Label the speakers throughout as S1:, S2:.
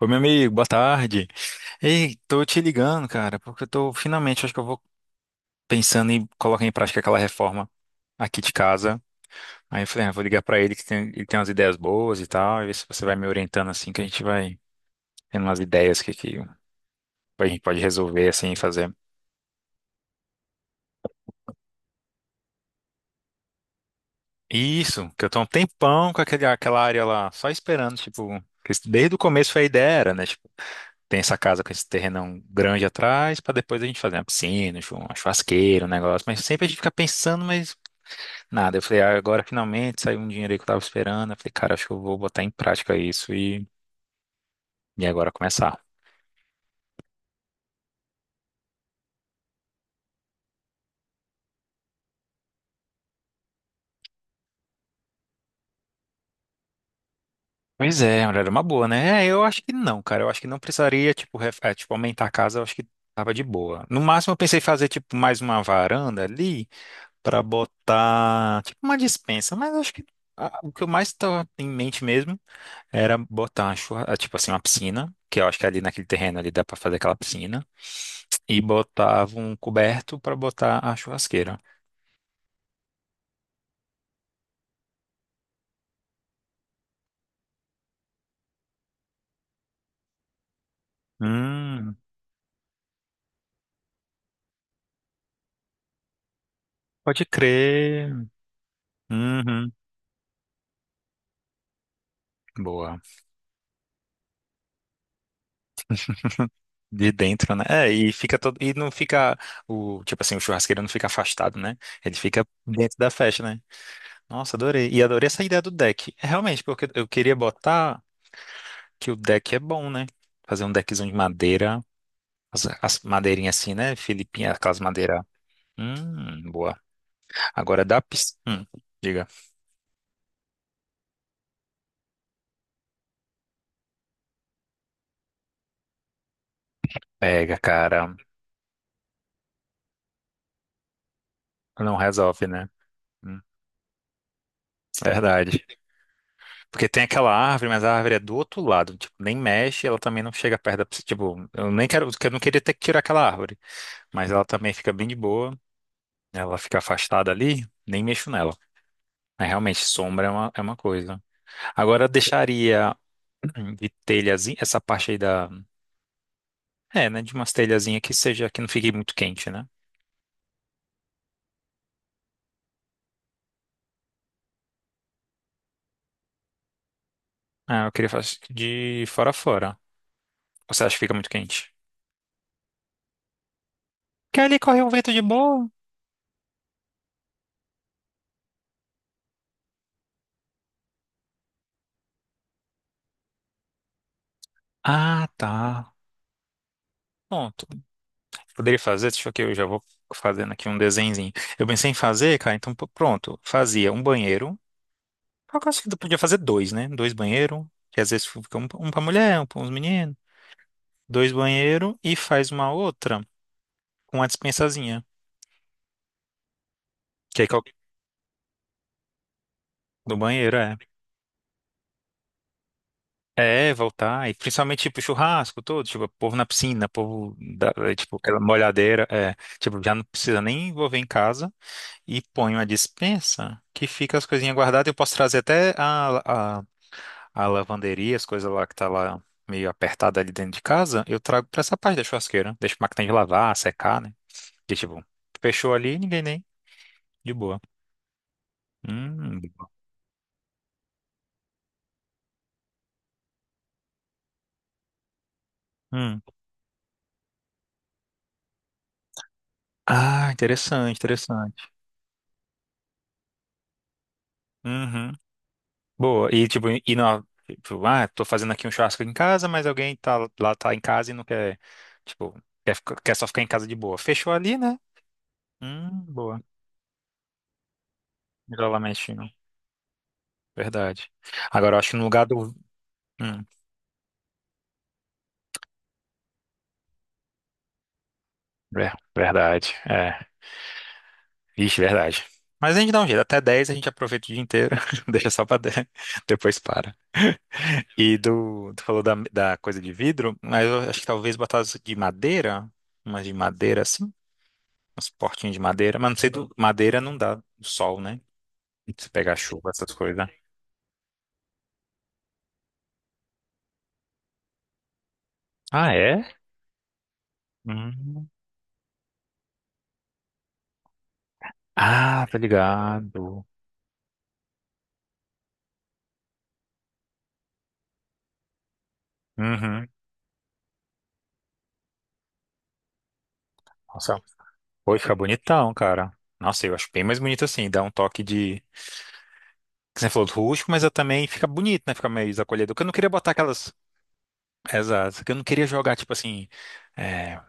S1: Oi, meu amigo, boa tarde. Ei, tô te ligando, cara, porque eu tô finalmente, acho que eu vou pensando em colocar em prática aquela reforma aqui de casa. Aí eu falei, ah, vou ligar pra ele ele tem umas ideias boas e tal, e ver se você vai me orientando assim, que a gente vai tendo umas ideias que a gente pode resolver assim e fazer. Isso, que eu tô há um tempão com aquela área lá, só esperando, tipo, desde o começo foi a ideia era, né? Tipo, tem essa casa com esse terrenão grande atrás, pra depois a gente fazer uma piscina, uma churrasqueira, um negócio, mas sempre a gente fica pensando, mas. Nada, eu falei, ah, agora finalmente saiu um dinheiro aí que eu tava esperando. Eu falei, cara, acho que eu vou botar em prática isso e agora começar. Pois é, olha, era uma boa, né? É, eu acho que não, cara. Eu acho que não precisaria, tipo, é, tipo, aumentar a casa, eu acho que tava de boa. No máximo, eu pensei em fazer, tipo, mais uma varanda ali pra botar, tipo, uma despensa, mas eu acho que ah, o que eu mais tava em mente mesmo era botar, ah, tipo assim, uma piscina, que eu acho que ali naquele terreno ali dá pra fazer aquela piscina, e botava um coberto pra botar a churrasqueira. Hum, pode crer. Uhum, boa. De dentro, né? É, e fica todo, e não fica o, tipo assim, o churrasqueiro não fica afastado, né? Ele fica dentro da festa, né? Nossa, adorei. E adorei essa ideia do deck. É, realmente, porque eu queria botar que o deck é bom, né? Fazer um deckzão de madeira, as madeirinhas assim, né? Filipinha, aquelas madeiras. Boa. Agora da piscina. Diga. Pega, cara. Não resolve, né? Hum, verdade. Porque tem aquela árvore, mas a árvore é do outro lado, tipo, nem mexe, ela também não chega perto da, pessoa, tipo, eu nem quero, eu não queria ter que tirar aquela árvore, mas ela também fica bem de boa, ela fica afastada ali, nem mexo nela. Mas realmente, sombra é uma coisa. Agora eu deixaria de telhazinha, essa parte aí da, é, né, de umas telhazinhas que seja, que não fique muito quente, né? Ah, eu queria fazer de fora a fora. Você acha que fica muito quente? Que ali corre um vento de boa. Ah, tá. Pronto. Poderia fazer? Deixa eu que eu já vou fazendo aqui um desenhozinho. Eu pensei em fazer, cara, então pô, pronto. Fazia um banheiro. Eu acho que podia fazer dois, né? Dois banheiros. Que às vezes fica um pra mulher, um pra uns meninos. Dois banheiros e faz uma outra com uma dispensazinha. Que aí qual- do banheiro, é. É, voltar. E principalmente, tipo, churrasco todo. Tipo, povo na piscina, povo, da, é, tipo, aquela molhadeira. É. Tipo, já não precisa nem envolver em casa. E põe uma dispensa que fica as coisinhas guardadas. Eu posso trazer até a- a lavanderia, as coisas lá que tá lá meio apertada ali dentro de casa, eu trago pra essa parte da churrasqueira. Deixo a máquina de lavar, secar, né? E tipo, fechou ali, ninguém nem. De boa. De boa. Hum. Ah, interessante, interessante. Uhum. Boa. E tipo, e não, tipo, ah, tô fazendo aqui um churrasco em casa, mas alguém tá lá, tá em casa e não quer, tipo, quer, quer só ficar em casa de boa. Fechou ali, né? Boa. Isolamento, verdade. Agora, eu acho que no lugar do. Hum, verdade. É. Vixe, verdade. Mas a gente dá um jeito. Até 10 a gente aproveita o dia inteiro. Deixa só pra 10. Depois para. E do, tu falou da, da coisa de vidro, mas eu acho que talvez botar as de madeira. Umas de madeira assim. Uns portinhos de madeira. Mas não sei, do, madeira não dá do sol, né? Se pegar chuva, essas coisas. Ah, é? Hum. Ah, tá ligado. Uhum. Nossa, foi, fica bonitão, cara. Nossa, eu acho bem mais bonito assim. Dá um toque que você falou, rústico, mas eu também fica bonito, né? Fica mais acolhedor. Porque eu não queria botar aquelas. Exato. Porque eu não queria jogar, tipo assim, é,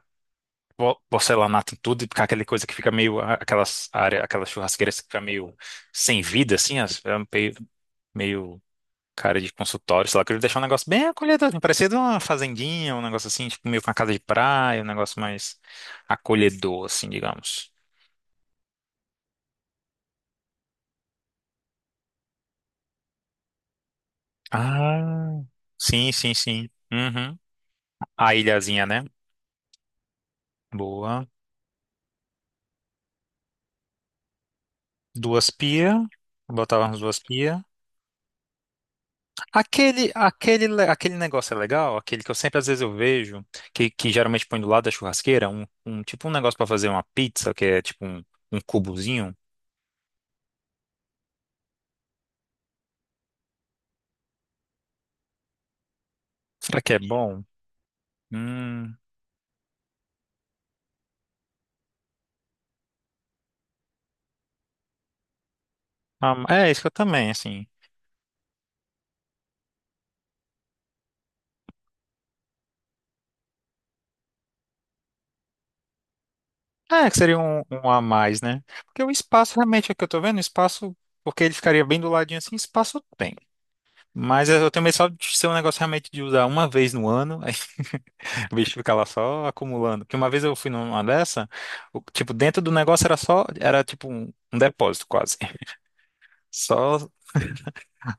S1: porcelanato em tudo e ficar aquela coisa que fica meio. Aquelas área, aquelas churrasqueiras que fica meio sem vida, assim, é meio, meio cara de consultório, sei lá. Eu queria deixar um negócio bem acolhedor, assim, parecido uma fazendinha, um negócio assim, tipo meio com uma casa de praia, um negócio mais acolhedor, assim, digamos. Ah, sim, sim, sim. Uhum. A ilhazinha, né? Boa. Duas pia, botava umas duas pia. Aquele negócio é legal, aquele que eu sempre às vezes eu vejo, que geralmente põe do lado da churrasqueira, um tipo um negócio para fazer uma pizza, que é tipo um cubozinho. Será que é bom? Hum, ah, é isso que eu também, assim. É, que seria um a mais, né? Porque o espaço, realmente, é o que eu tô vendo, o espaço, porque ele ficaria bem do ladinho assim, espaço tem. Mas eu tenho medo só de ser um negócio realmente de usar uma vez no ano, o bicho fica lá só acumulando. Porque uma vez eu fui numa dessa, tipo, dentro do negócio era só, era tipo um depósito quase. Só.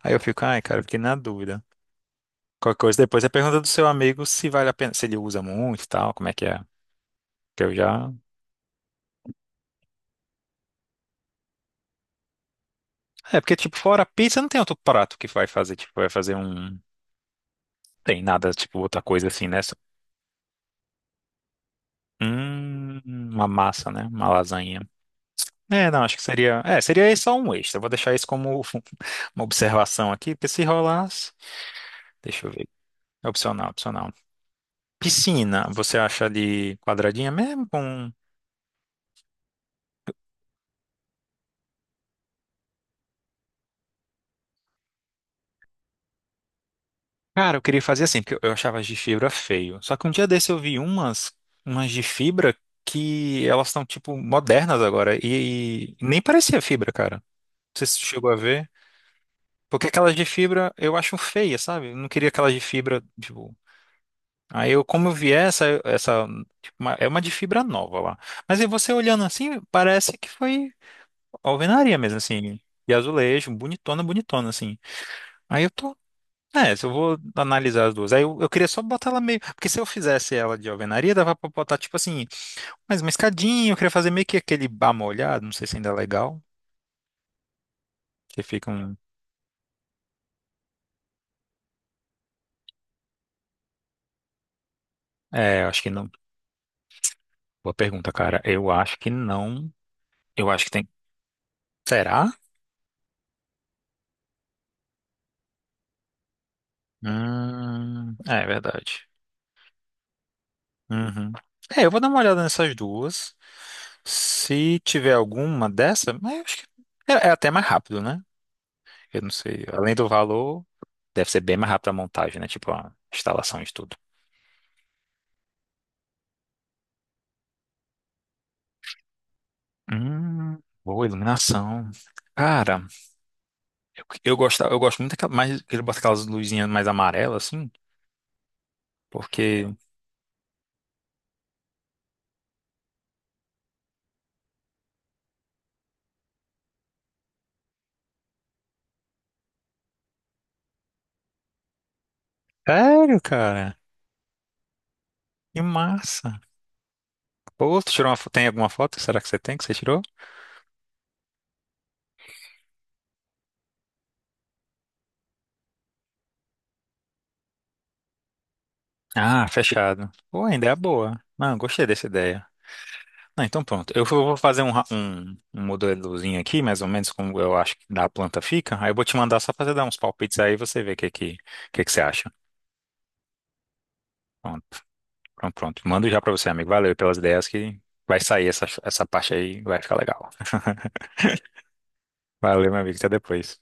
S1: Aí eu fico, ai, cara, eu fiquei na dúvida. Qualquer coisa depois é pergunta do seu amigo se vale a pena, se ele usa muito e tal, como é. Que eu já. É, porque, tipo, fora pizza, não tem outro prato que vai fazer, tipo, vai fazer um. Tem nada, tipo, outra coisa assim, né? Só- uma massa, né? Uma lasanha. É, não, acho que seria. É, seria só um extra. Eu vou deixar isso como uma observação aqui, porque se rolar. Deixa eu ver. É opcional, opcional. Piscina, você acha de quadradinha mesmo? Com... Cara, eu queria fazer assim, porque eu achava as de fibra feio. Só que um dia desse eu vi umas, umas de fibra que elas estão, tipo, modernas agora. E nem parecia fibra, cara. Não sei se você chegou a ver. Porque aquelas de fibra eu acho feia, sabe? Eu não queria aquelas de fibra, tipo. Aí eu, como eu vi essa, tipo, é uma de fibra nova lá. Mas aí você olhando assim, parece que foi alvenaria mesmo, assim. E azulejo, bonitona, bonitona, assim. Aí eu tô. É, se eu vou analisar as duas. Aí eu queria só botar ela meio. Porque se eu fizesse ela de alvenaria, dava pra botar, tipo assim, mais uma escadinha. Eu queria fazer meio que aquele bar molhado, não sei se ainda é legal. Que fica um. É, eu acho que não. Boa pergunta, cara. Eu acho que não. Eu acho que tem. Será? É verdade. Uhum. É, eu vou dar uma olhada nessas duas. Se tiver alguma dessa, mas eu acho que é, é até mais rápido, né? Eu não sei. Além do valor, deve ser bem mais rápido a montagem, né? Tipo, a instalação de tudo. Hum, boa iluminação. Cara, eu, eu gosto muito daquela, mais que ele bota aquelas luzinhas mais amarelas, assim, porque... Sério, cara? Que massa. Pô, tu tirou uma, tem alguma foto? Será que você tem que você tirou? Ah, fechado. Pô, ainda é boa. Não, gostei dessa ideia. Ah, então pronto. Eu vou fazer um, um, um modelozinho aqui, mais ou menos como eu acho que da planta fica. Aí eu vou te mandar só pra você dar uns palpites aí e você vê o que você acha. Pronto, pronto, pronto. Mando já pra você, amigo. Valeu pelas ideias que vai sair essa, essa parte aí, vai ficar legal. Valeu, meu amigo. Até depois.